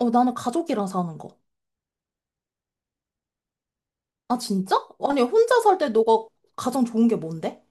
어, 나는 가족이랑 사는 거. 아, 진짜? 아니, 혼자 살 때 너가 가장 좋은 게 뭔데?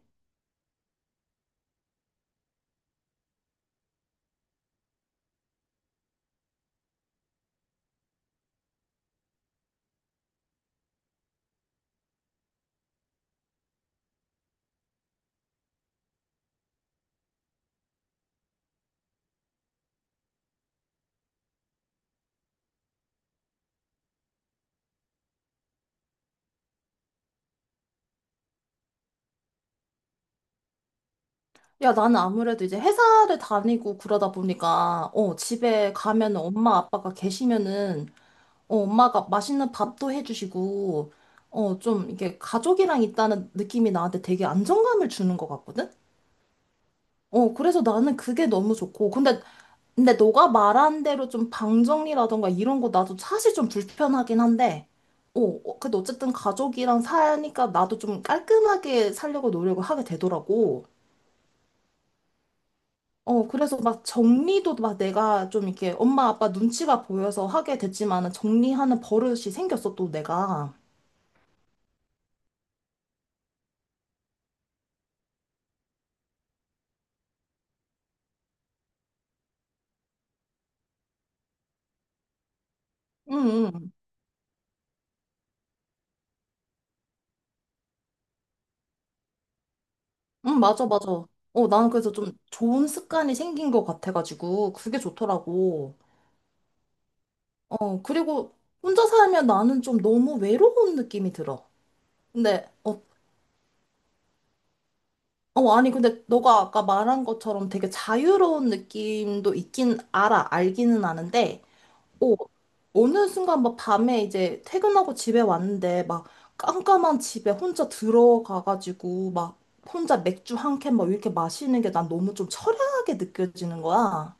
야, 나는 아무래도 이제 회사를 다니고 그러다 보니까, 어, 집에 가면은 엄마 아빠가 계시면은, 어, 엄마가 맛있는 밥도 해주시고, 어, 좀 이게 가족이랑 있다는 느낌이 나한테 되게 안정감을 주는 것 같거든? 어, 그래서 나는 그게 너무 좋고. 근데 너가 말한 대로 좀 방정리라던가 이런 거 나도 사실 좀 불편하긴 한데, 어, 어, 근데 어쨌든 가족이랑 사니까 나도 좀 깔끔하게 살려고 노력을 하게 되더라고. 어, 그래서 막 정리도 막 내가 좀 이렇게 엄마 아빠 눈치가 보여서 하게 됐지만은 정리하는 버릇이 생겼어, 또 내가. 응, 응, 응, 맞아, 맞아. 어, 나는 그래서 좀 좋은 습관이 생긴 것 같아가지고, 그게 좋더라고. 어, 그리고 혼자 살면 나는 좀 너무 외로운 느낌이 들어. 근데 어, 어 아니 근데 너가 아까 말한 것처럼 되게 자유로운 느낌도 있긴 알아 알기는 아는데 어, 어느 순간 막 밤에 이제 퇴근하고 집에 왔는데 막 깜깜한 집에 혼자 들어가가지고 막 혼자 맥주 한캔 막 이렇게 마시는 게 난 너무 좀 처량하게 느껴지는 거야.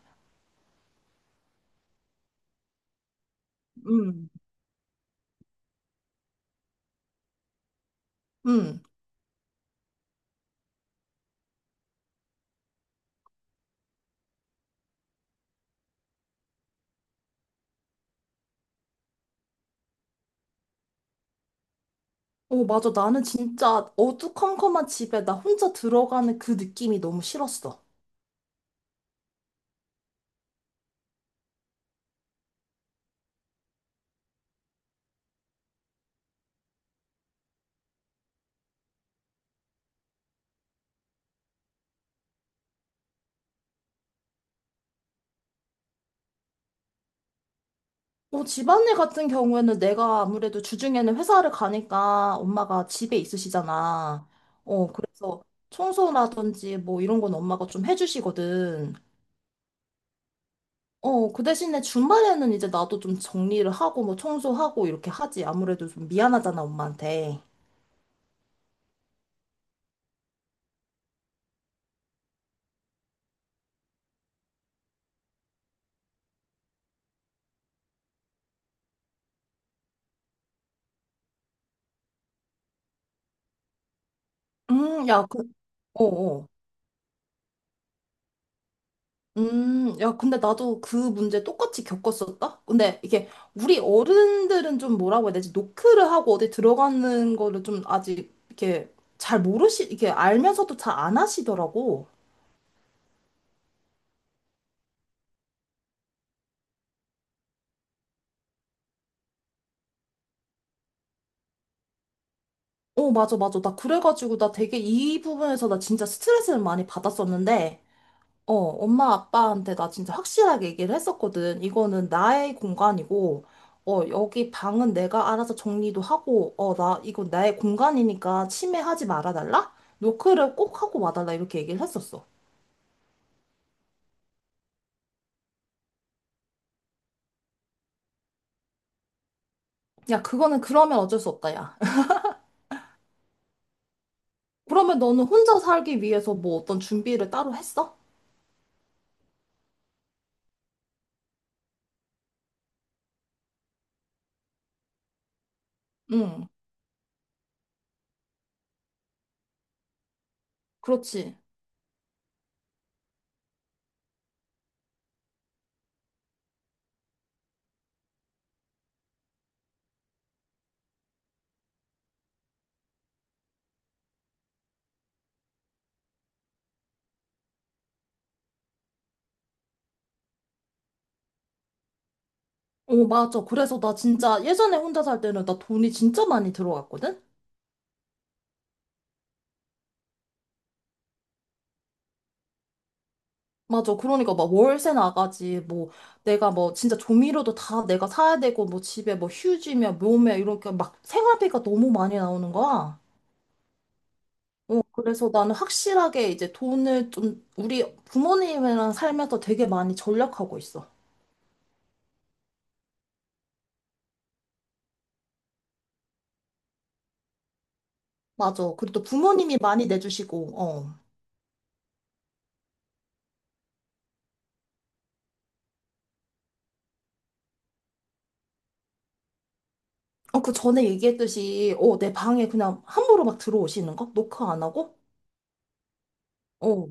음. 응. 어 맞아, 나는 진짜 어두컴컴한 집에 나 혼자 들어가는 그 느낌이 너무 싫었어. 뭐 집안일 같은 경우에는 내가 아무래도 주중에는 회사를 가니까 엄마가 집에 있으시잖아. 어, 그래서 청소라든지 뭐 이런 건 엄마가 좀 해주시거든. 어, 그 대신에 주말에는 이제 나도 좀 정리를 하고 뭐 청소하고 이렇게 하지. 아무래도 좀 미안하잖아, 엄마한테. 야, 그, 어, 어. 야, 근데 나도 그 문제 똑같이 겪었었다? 근데 이게 우리 어른들은 좀 뭐라고 해야 되지? 노크를 하고 어디 들어가는 거를 좀 아직 이렇게 잘 모르시, 이렇게 알면서도 잘 안 하시더라고. 어, 맞아, 맞아. 나 그래가지고 나 되게 이 부분에서 나 진짜 스트레스를 많이 받았었는데 어, 엄마 아빠한테 나 진짜 확실하게 얘기를 했었거든. 이거는 나의 공간이고, 어, 여기 방은 내가 알아서 정리도 하고, 어, 나, 이건 나의 공간이니까 침해하지 말아달라? 노크를 꼭 하고 와달라. 이렇게 얘기를 했었어. 야, 그거는 그러면 어쩔 수 없다, 야. 그러면 너는 혼자 살기 위해서 뭐 어떤 준비를 따로 했어? 응, 그렇지. 어, 맞아. 그래서 나 진짜 예전에 혼자 살 때는 나 돈이 진짜 많이 들어갔거든? 맞아. 그러니까 막 월세 나가지. 뭐 내가 뭐 진짜 조미료도 다 내가 사야 되고 뭐 집에 뭐 휴지며 몸며 이렇게 막 생활비가 너무 많이 나오는 거야. 어, 그래서 나는 확실하게 이제 돈을 좀 우리 부모님이랑 살면서 되게 많이 절약하고 있어. 맞아. 그리고 또 부모님이 많이 내주시고, 어. 어, 그 전에 얘기했듯이, 어, 내 방에 그냥 함부로 막 들어오시는 거? 노크 안 하고? 어,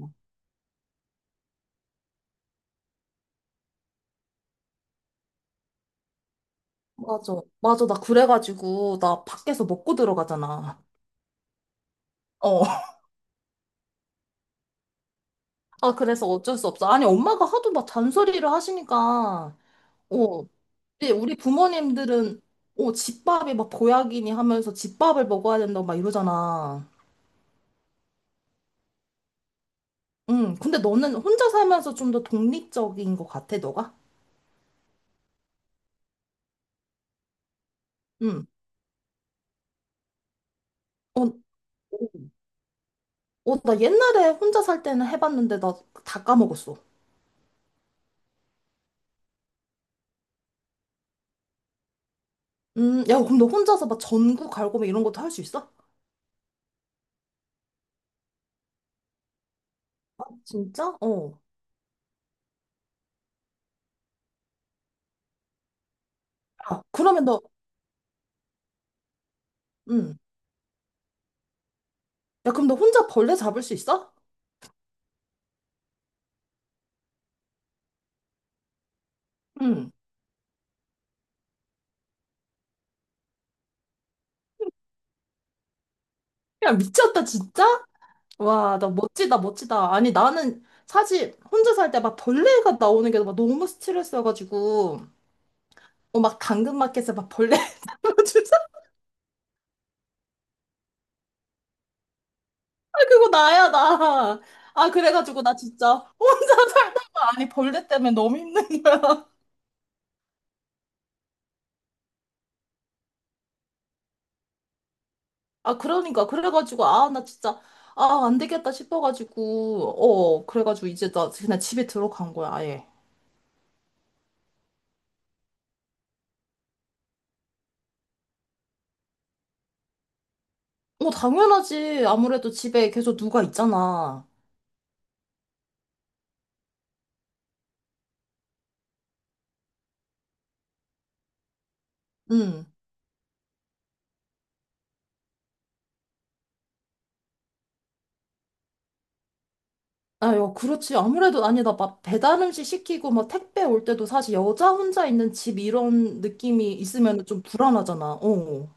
맞아. 맞아. 나 그래가지고, 나 밖에서 먹고 들어가잖아. 어. 아, 그래서 어쩔 수 없어. 아니, 엄마가 하도 막 잔소리를 하시니까, 어, 근데 우리 부모님들은, 어, 집밥이 막 보약이니 하면서 집밥을 먹어야 된다고 막 이러잖아. 응, 근데 너는 혼자 살면서 좀 더 독립적인 것 같아, 너가? 응. 어, 어, 나 옛날에 혼자 살 때는 해봤는데 나 다 까먹었어. 야, 그럼 너 혼자서 막 전구 갈고 막 이런 것도 할 수 있어? 아, 진짜? 어. 야, 그러면 너, 응. 야, 그럼 너 혼자 벌레 잡을 수 있어? 응. 야, 미쳤다, 진짜? 와, 나 멋지다, 멋지다. 아니, 나는 사실 혼자 살 때 막 벌레가 나오는 게 막 너무 스트레스여가지고, 어, 막 당근마켓에 막 벌레 주사 그거 나야, 나. 아, 그래가지고 나 진짜 혼자 살다가, 아니, 벌레 때문에 너무 힘든 거야. 아, 그러니까. 그래가지고, 아, 나 진짜, 아, 안 되겠다 싶어가지고, 어, 그래가지고 이제 나 그냥 집에 들어간 거야, 아예. 어, 당연하지. 아무래도 집에 계속 누가 있잖아. 응. 아유, 그렇지. 아무래도 아니다. 막 배달 음식 시키고 막 택배 올 때도 사실 여자 혼자 있는 집 이런 느낌이 있으면 좀 불안하잖아. 어.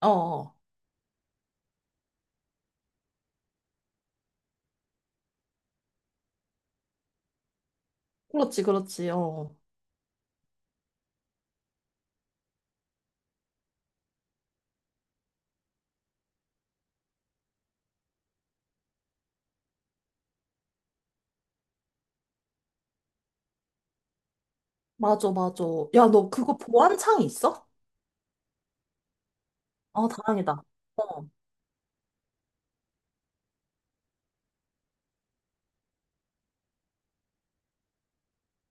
어. 어. 그렇지, 그렇지. 어. 맞아, 맞아. 야, 너 그거 보안창 있어? 아, 다행이다.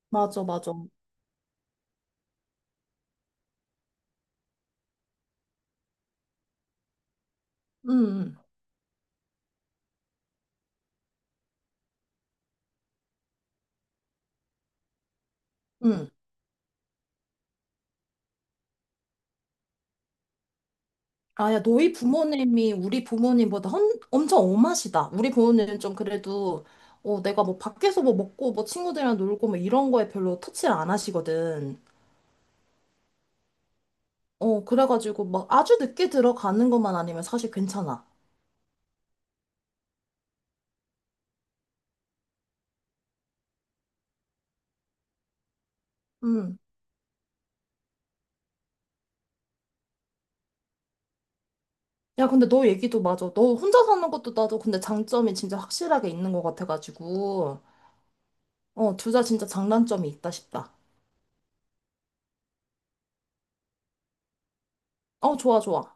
맞아, 맞아. 응, 응. 응. 아, 야, 너희 부모님이 우리 부모님보다 헌, 엄청 엄하시다. 우리 부모님은 좀 그래도, 어, 내가 뭐 밖에서 뭐 먹고 뭐 친구들이랑 놀고 뭐 이런 거에 별로 터치를 안 하시거든. 어, 그래가지고 막 아주 늦게 들어가는 것만 아니면 사실 괜찮아. 음. 야, 근데 너 얘기도 맞아. 너 혼자 사는 것도 나도 근데 장점이 진짜 확실하게 있는 것 같아가지고. 어, 둘 다 진짜 장단점이 있다 싶다. 어, 좋아, 좋아.